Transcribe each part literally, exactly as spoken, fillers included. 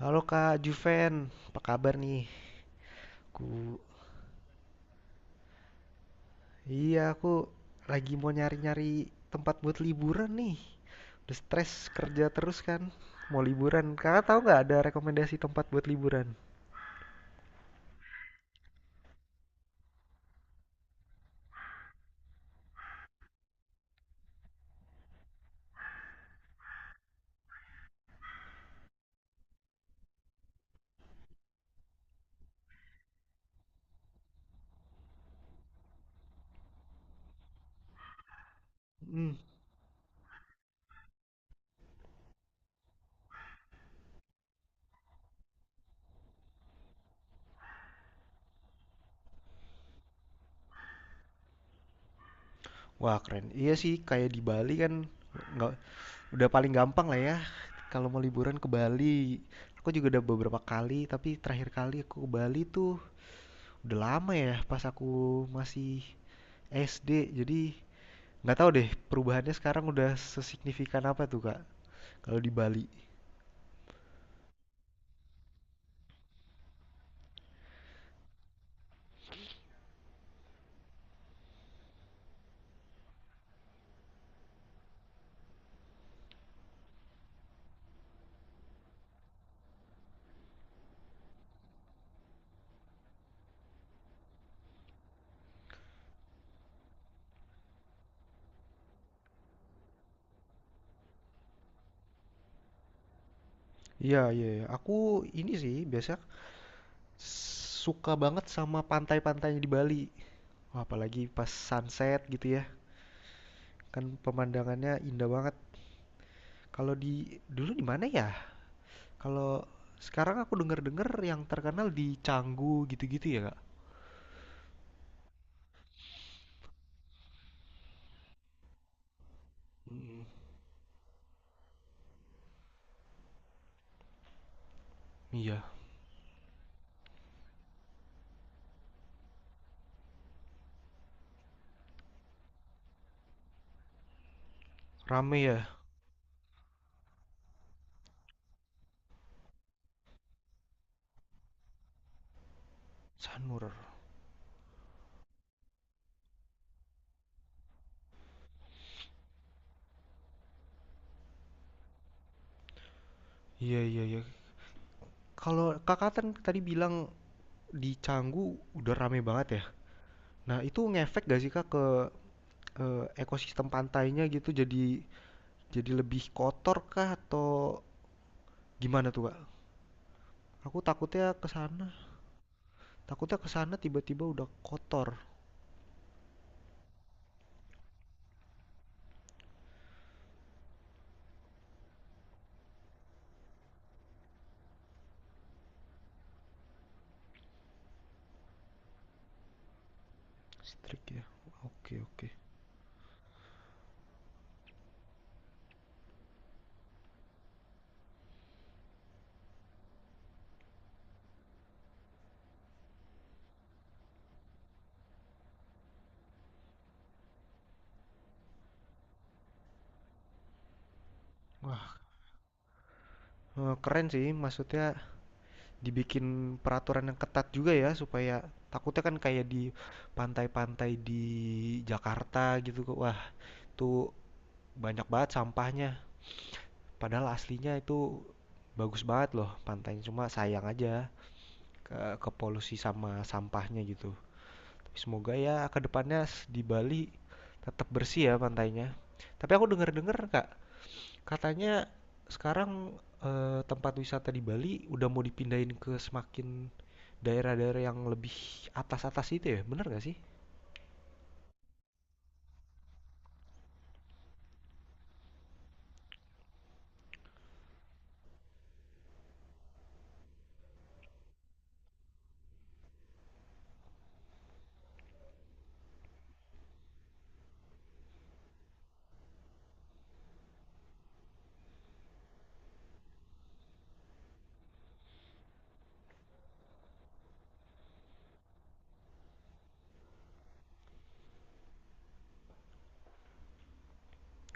Halo Kak Juven, apa kabar nih? Ku, iya aku lagi mau nyari-nyari tempat buat liburan nih. Udah stres kerja terus kan, mau liburan. Kakak tahu nggak ada rekomendasi tempat buat liburan? Hmm. Wah keren. Iya sih, kayak di Bali kan nggak udah paling gampang lah ya. Kalau mau liburan ke Bali, aku juga udah beberapa kali. Tapi terakhir kali aku ke Bali tuh udah lama ya, pas aku masih S D. Jadi nggak tahu deh, perubahannya sekarang udah sesignifikan apa tuh, Kak? Kalau di Bali. Iya, iya, iya. Aku ini sih biasa suka banget sama pantai-pantainya di Bali. Wah, apalagi pas sunset gitu ya. Kan pemandangannya indah banget. Kalau di dulu di mana ya? Kalau sekarang aku denger-denger yang terkenal di Canggu gitu-gitu ya, Kak? Mm, iya, rame ya. Sanur. Iya, iya, iya. Kalau Kakak kan tadi bilang di Canggu udah rame banget ya? Nah, itu ngefek gak sih Kak ke eh, ekosistem pantainya gitu jadi jadi lebih kotor kah atau gimana tuh Kak? Aku takutnya ke sana, takutnya ke sana tiba-tiba udah kotor listrik ya. Oke, oke. Wah, eh, keren sih maksudnya dibikin peraturan yang ketat juga ya supaya takutnya kan kayak di pantai-pantai di Jakarta gitu Kak. Wah, itu banyak banget sampahnya. Padahal aslinya itu bagus banget loh pantainya cuma sayang aja. ke, ke polusi sama sampahnya gitu. Semoga ya kedepannya di Bali tetap bersih ya pantainya. Tapi aku dengar-dengar kak, katanya sekarang eh, tempat wisata di Bali udah mau dipindahin ke semakin daerah-daerah yang lebih atas-atas itu ya, bener gak sih?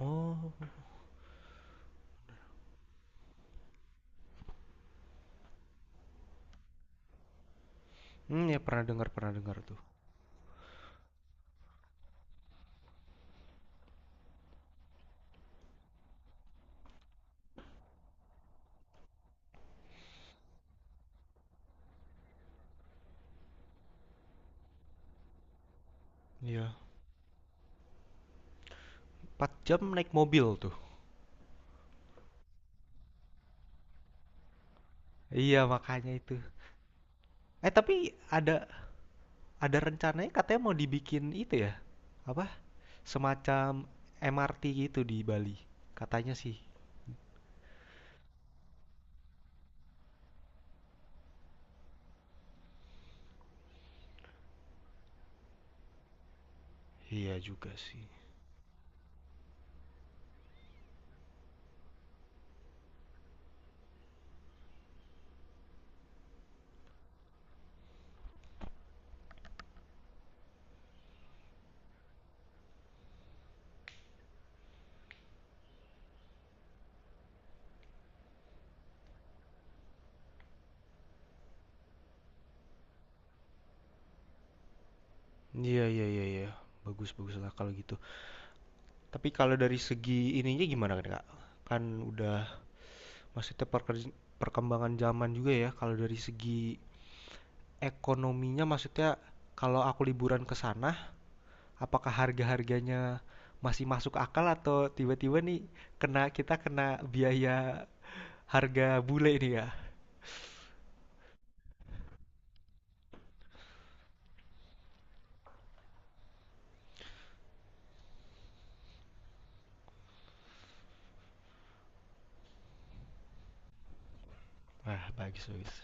Oh, hmm, ya pernah dengar pernah dengar tuh. Iya, empat jam naik mobil tuh. Iya makanya itu. Eh tapi ada ada rencananya katanya mau dibikin itu ya, apa semacam M R T gitu di Bali. Katanya sih. Iya juga sih. Iya iya iya iya. Bagus bagus lah kalau gitu. Tapi kalau dari segi ininya gimana kan Kak? Kan udah maksudnya perker- perkembangan zaman juga ya kalau dari segi ekonominya maksudnya kalau aku liburan ke sana apakah harga-harganya masih masuk akal atau tiba-tiba nih kena kita kena biaya harga bule nih ya? Wah, bagus bagus.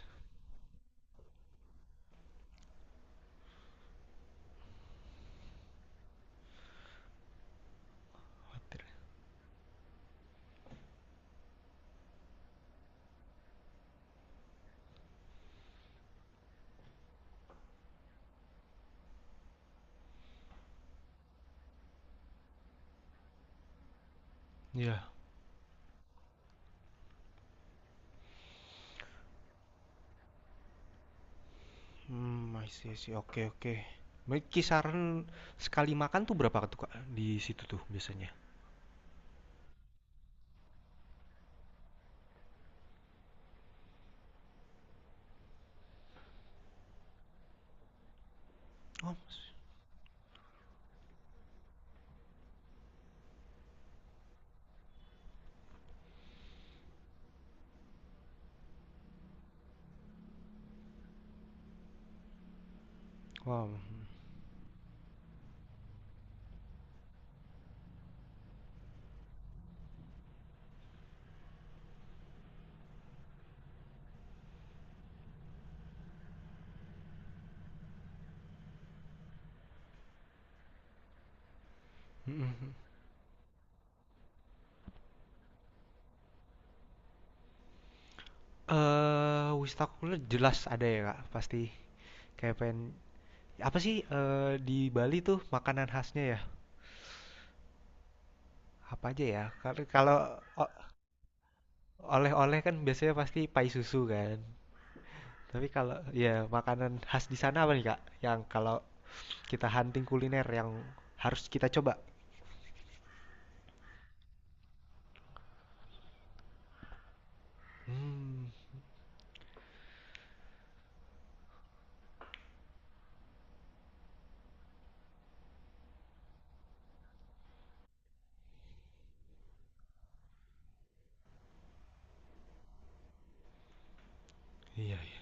Khawatir. Iya. Mmm, I see I see, oke oke. Baik kisaran sekali makan tuh berapa tuh, Kak, di situ tuh biasanya? Oh, wow, mhm mhm. Eee, Wistakula jelas ada ya, Kak, pasti. Kayak pengen apa sih, eee, di Bali tuh makanan khasnya ya? Apa aja ya? Kal kalau o oleh-oleh kan biasanya pasti pai susu kan. Tapi kalau ya makanan khas di sana apa nih, Kak, yang kalau kita hunting kuliner yang harus kita coba? Hmm iya iya.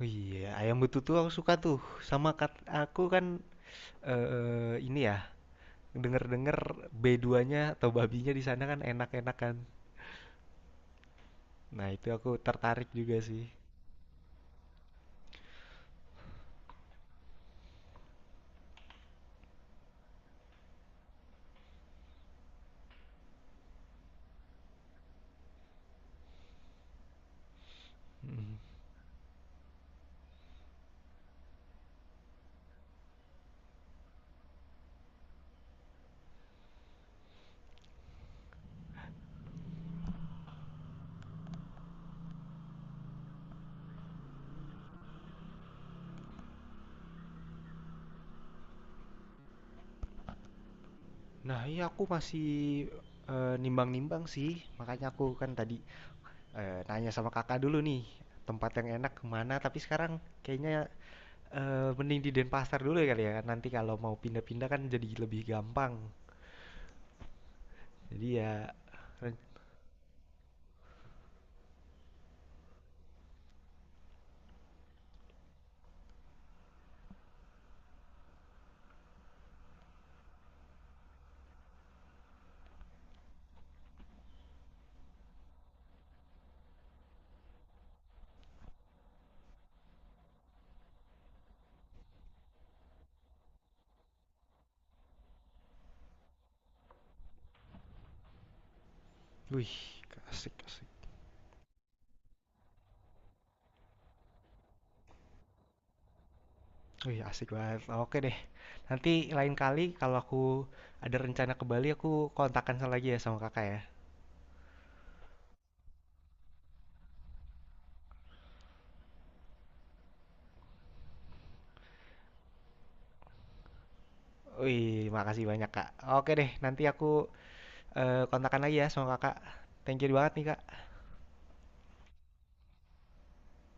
Oh iya, ayam betutu aku suka tuh. Sama kat aku kan eh ini ya, denger-denger be duanya atau babinya di sana kan enak-enak kan. Nah, itu aku tertarik juga sih. Mm. Nah, iya aku masih eh, nimbang-nimbang sih. Makanya aku kan tadi eh, nanya sama kakak dulu nih, tempat yang enak kemana. Tapi sekarang kayaknya eh, mending di Denpasar dulu ya kali ya. Nanti kalau mau pindah-pindah kan jadi lebih gampang. Jadi ya, ren- wih, asik asik. Wih, asik banget. Oke deh. Nanti lain kali kalau aku ada rencana ke Bali, aku kontakkan lagi ya sama kakak ya. Wih, makasih banyak kak. Oke deh, nanti aku eh, kontakkan lagi ya sama kakak. Thank you banget nih kak.